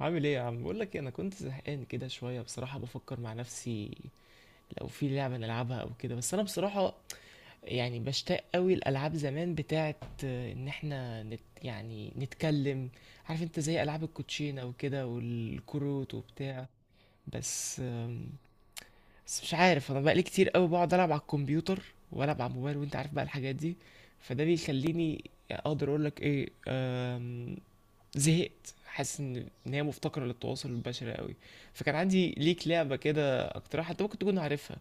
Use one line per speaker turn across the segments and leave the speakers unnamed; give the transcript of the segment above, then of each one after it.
عامل ايه يا عم؟ بقول لك إيه، انا كنت زهقان كده شويه بصراحه، بفكر مع نفسي لو في لعبه نلعبها او كده. بس انا بصراحه يعني بشتاق قوي الالعاب زمان بتاعت، ان احنا نت يعني نتكلم. عارف انت، زي العاب الكوتشينه او كده والكروت وبتاع. بس بس مش عارف، انا بقالي كتير قوي بقعد العب على الكمبيوتر، والعب على الموبايل، وانت عارف بقى الحاجات دي. فده بيخليني اقدر اقول لك ايه، زهقت. حاسس ان هي مفتقره للتواصل البشري قوي. فكان عندي ليك لعبه كده اقترحها، انت ممكن تكون عارفها.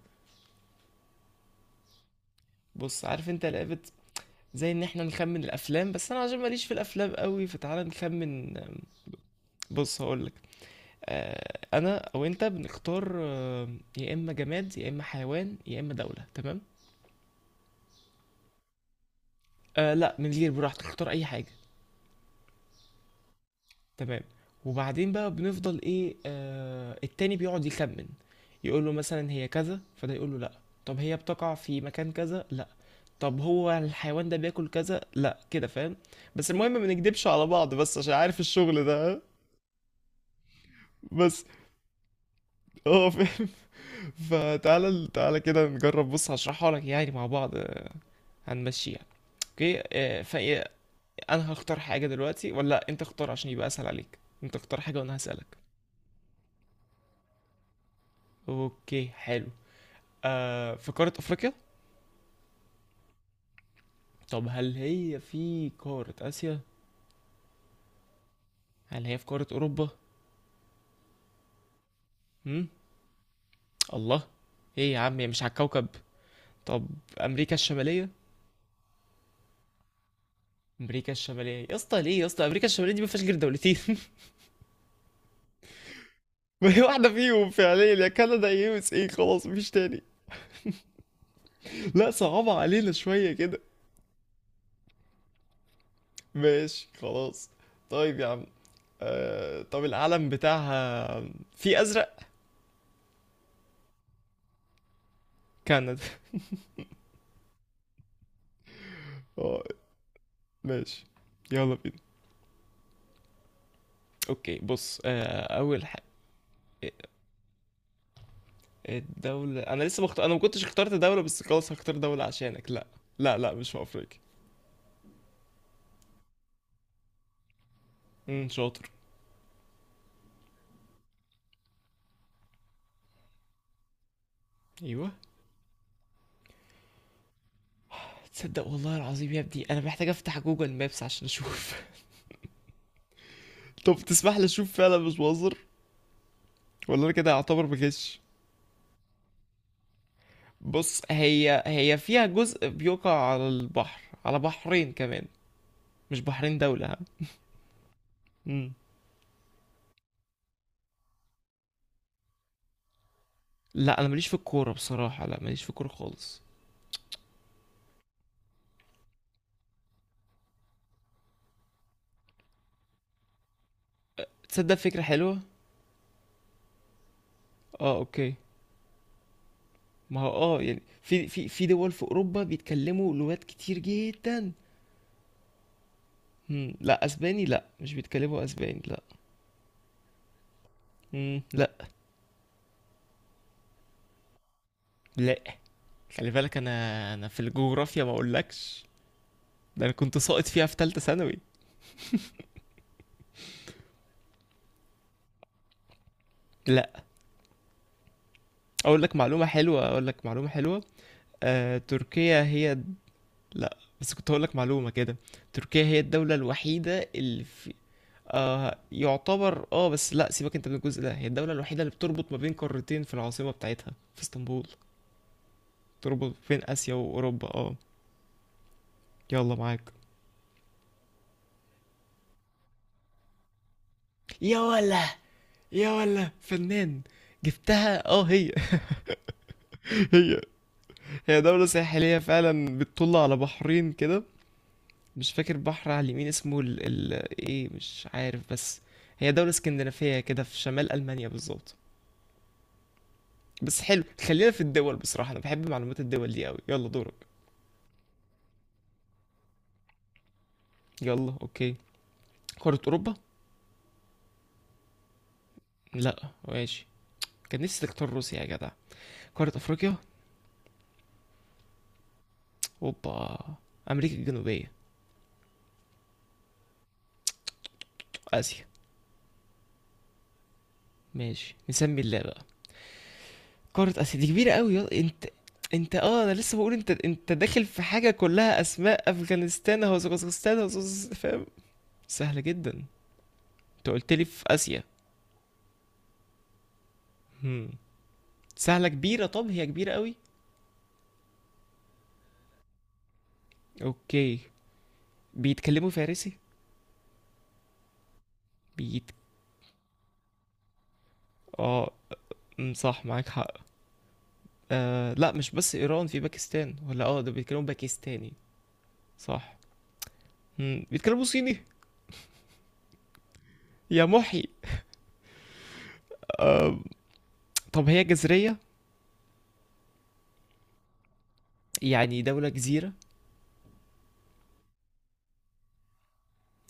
بص، عارف انت لعبه زي ان احنا نخمن الافلام؟ بس انا عشان ماليش في الافلام قوي، فتعالى نخمن. بص هقولك، انا او انت بنختار، يا اما جماد يا اما حيوان يا اما دوله، تمام. آه لا، من غير، براحتك اختار اي حاجه. تمام. وبعدين بقى بنفضل ايه، آه التاني بيقعد يخمن، يقول له مثلا هي كذا، فده يقول له لا. طب هي بتقع في مكان كذا؟ لا. طب هو الحيوان ده بياكل كذا؟ لا. كده فاهم. بس المهم ما نكدبش على بعض، بس عشان عارف الشغل ده، ها؟ بس اه فاهم. فتعالى، تعالى كده نجرب، بص هشرحها لك يعني مع بعض، هنمشيها. اوكي، فايه، انا هختار حاجة دلوقتي ولا انت اختار؟ عشان يبقى اسهل عليك، انت اختار حاجة وانا هسألك. اوكي حلو. آه في قارة أفريقيا؟ طب هل هي في قارة آسيا؟ هل هي في قارة أوروبا؟ هم؟ الله، إيه يا عم، هي مش على الكوكب؟ طب أمريكا الشمالية؟ أمريكا الشمالية، يا اسطى ليه يا اسطى، أمريكا الشمالية دي ما فيهاش غير دولتين. وهي واحدة فيهم فعليا، يا كندا يا USA، خلاص مفيش تاني. لا صعبة علينا شوية كده. ماشي خلاص. طيب يا عم، آه طب العلم بتاعها، في أزرق؟ كندا. اه. ماشي، يلا بينا. اوكي بص، آه اول حاجه، الدولة، أنا لسه أنا ما كنتش اخترت دولة، بس خلاص هختار دولة عشانك. لا لا لا، مش في أفريقيا. شاطر. أيوه. تصدق والله العظيم يا ابني أنا محتاج أفتح جوجل مابس عشان أشوف. طب تسمح لي أشوف فعلا، مش بهزر، ولا أنا كده هعتبر بغش. بص هي فيها جزء بيقع على البحر، على بحرين كمان، مش بحرين دولة، ها. امم. لا أنا ماليش في الكورة بصراحة، لا ماليش في الكورة خالص. تصدق فكرة حلوة. اه اوكي. ما هو اه يعني، في دول في اوروبا بيتكلموا لغات كتير جدا. لا اسباني، لا مش بيتكلموا اسباني، لا. لا. لا خلي بالك انا في الجغرافيا ما اقولكش. ده انا كنت ساقط فيها في ثالثه ثانوي. لا اقول لك معلومه حلوه، اقول لك معلومه حلوه. تركيا هي، لا بس كنت هقول لك معلومه كده. تركيا هي الدوله الوحيده اللي في، آه يعتبر اه، بس لا سيبك انت من الجزء ده، هي الدوله الوحيده اللي بتربط ما بين قارتين، في العاصمه بتاعتها في اسطنبول، تربط بين اسيا واوروبا، اه. يلا معاك. يا ولا. يا ولا فنان، جبتها، اه هي. هي. هي دولة ساحلية فعلا، بتطل على بحرين كده، مش فاكر بحر على اليمين اسمه ايه، مش عارف. بس هي دولة اسكندنافية كده، في شمال ألمانيا بالظبط. بس حلو، خلينا في الدول، بصراحة أنا بحب معلومات الدول دي أوي، يلا دورك. يلا أوكي. قارة أوروبا؟ لا ماشي. كان نفسي تختار روسيا يا جدع. قارة أفريقيا؟ اوبا. أمريكا الجنوبية؟ آسيا. ماشي نسمي اللعبة. قارة اسيا دي كبيرة قوي يا... انت انت اه، انا لسه بقول انت داخل في حاجة كلها اسماء، افغانستان وازغستان فاهم. سهلة جدا. انت قلت لي في اسيا. هم. سهلة كبيرة، طب هي كبيرة قوي؟ اوكي. بيتكلموا فارسي؟ بيت اه أمم، صح معاك حق. آه لا، مش بس ايران، في باكستان، ولا اه ده بيتكلموا باكستاني؟ صح. هم. بيتكلموا صيني؟ يا محي. آه طب هي جزرية؟ يعني دولة جزيرة.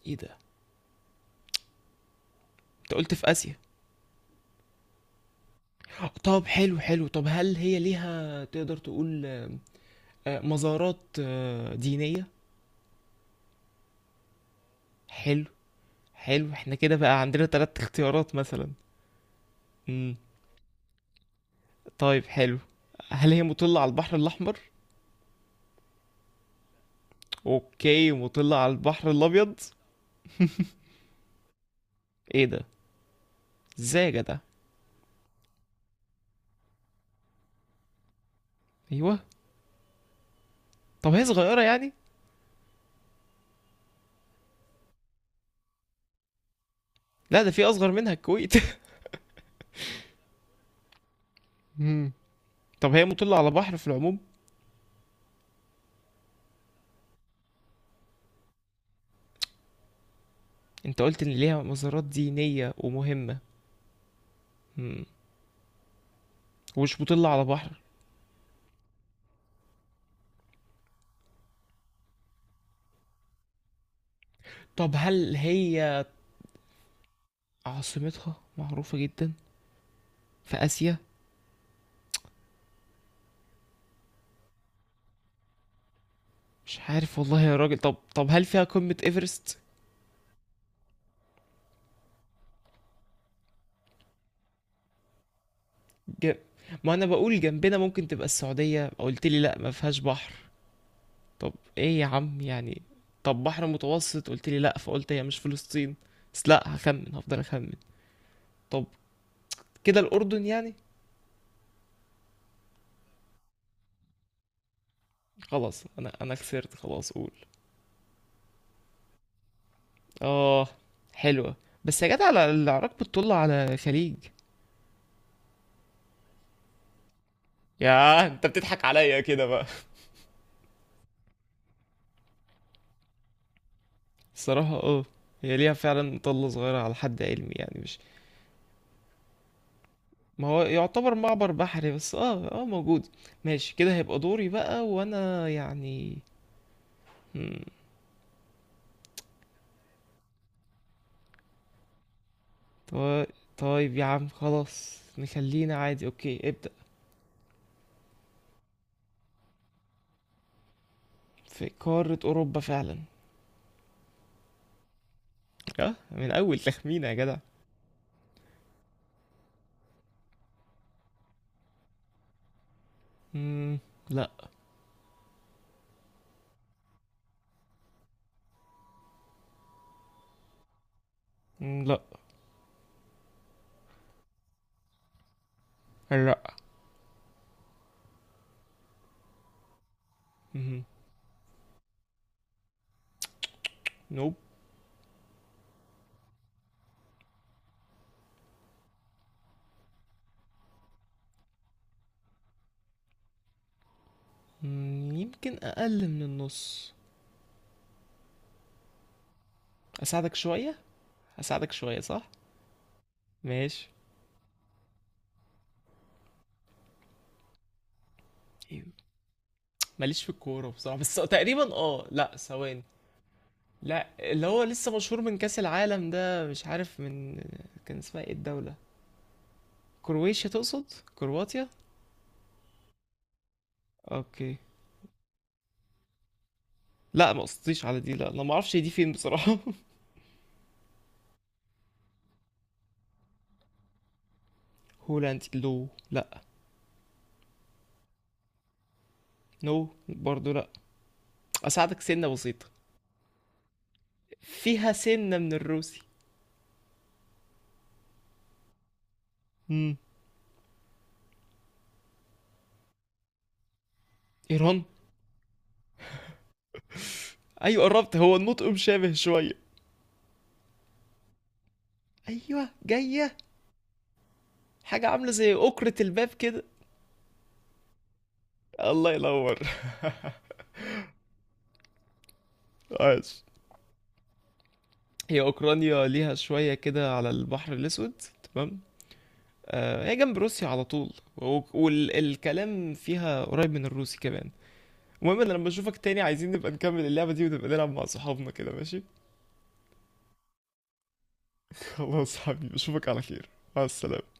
ايه ده، انت قلت في آسيا. طب حلو حلو، طب هل هي ليها، تقدر تقول، مزارات دينية. حلو. حلو، احنا كده بقى عندنا 3 اختيارات مثلا. مم. طيب حلو. هل هي مطلة على البحر الأحمر؟ اوكي، مطلة على البحر الأبيض؟ ايه ده، ازاي يا جدع؟ ايوه. طب هي صغيرة يعني؟ لا ده في أصغر منها الكويت. مم. طب هي مطلة على بحر في العموم؟ انت قلت ان ليها مزارات دينية ومهمة. مم. ومش مطلة على بحر. طب هل هي عاصمتها معروفة جدا، في آسيا؟ مش عارف والله يا راجل. طب هل فيها قمة إيفرست؟ ج... ما أنا بقول جنبنا، ممكن تبقى السعودية، قلت لي لأ ما فيهاش بحر. طب إيه يا عم يعني؟ طب بحر متوسط قلت لي لأ، فقلت هي مش فلسطين. بس لأ، هخمن، هفضل أخمن. طب كده الأردن يعني؟ خلاص أنا، أنا خسرت، خلاص قول. آه، حلوة. بس يا جدع العراق بتطل على خليج. يا انت بتضحك عليا كده بقى. الصراحة اه، هي ليها فعلا طلة صغيرة على حد علمي يعني، مش. ما هو يعتبر معبر بحري، بس اه اه موجود. ماشي كده، هيبقى دوري بقى، وانا يعني. مم. طي- طيب يا عم، خلاص نخلينا عادي، اوكي ابدأ. في قارة اوروبا فعلا. اه من اول تخمينة يا جدع. مم. لا. لا. لا. مم. نوب. يمكن اقل من النص. اساعدك شوية، اساعدك شوية صح. ماشي. ماليش في الكورة بصراحة، بس تقريبا اه، لا ثواني. لا اللي هو لسه مشهور من كأس العالم ده، مش عارف من. كان اسمها ايه الدولة، كرواتيا تقصد؟ كرواتيا. اوكي. لا ما قصديش على دي، لا انا ما اعرفش هي دي فين بصراحة. هولاند لو، لا. نو برضو لا. اساعدك سنة بسيطة، فيها سنة من الروسي. امم. ايران، ايوه قربت، هو النطق مشابه شوية. ايوه جاية، حاجة عاملة زي أكرة الباب كده. الله ينور. عاش. هي أوكرانيا، ليها شوية كده على البحر الأسود. تمام. آه هي جنب روسيا على طول، والكلام فيها قريب من الروسي كمان. المهم انا لما اشوفك تاني، عايزين نبقى نكمل اللعبة دي، ونبقى نلعب مع صحابنا كده، ماشي. خلاص حبيبي، اشوفك على خير. مع السلامة.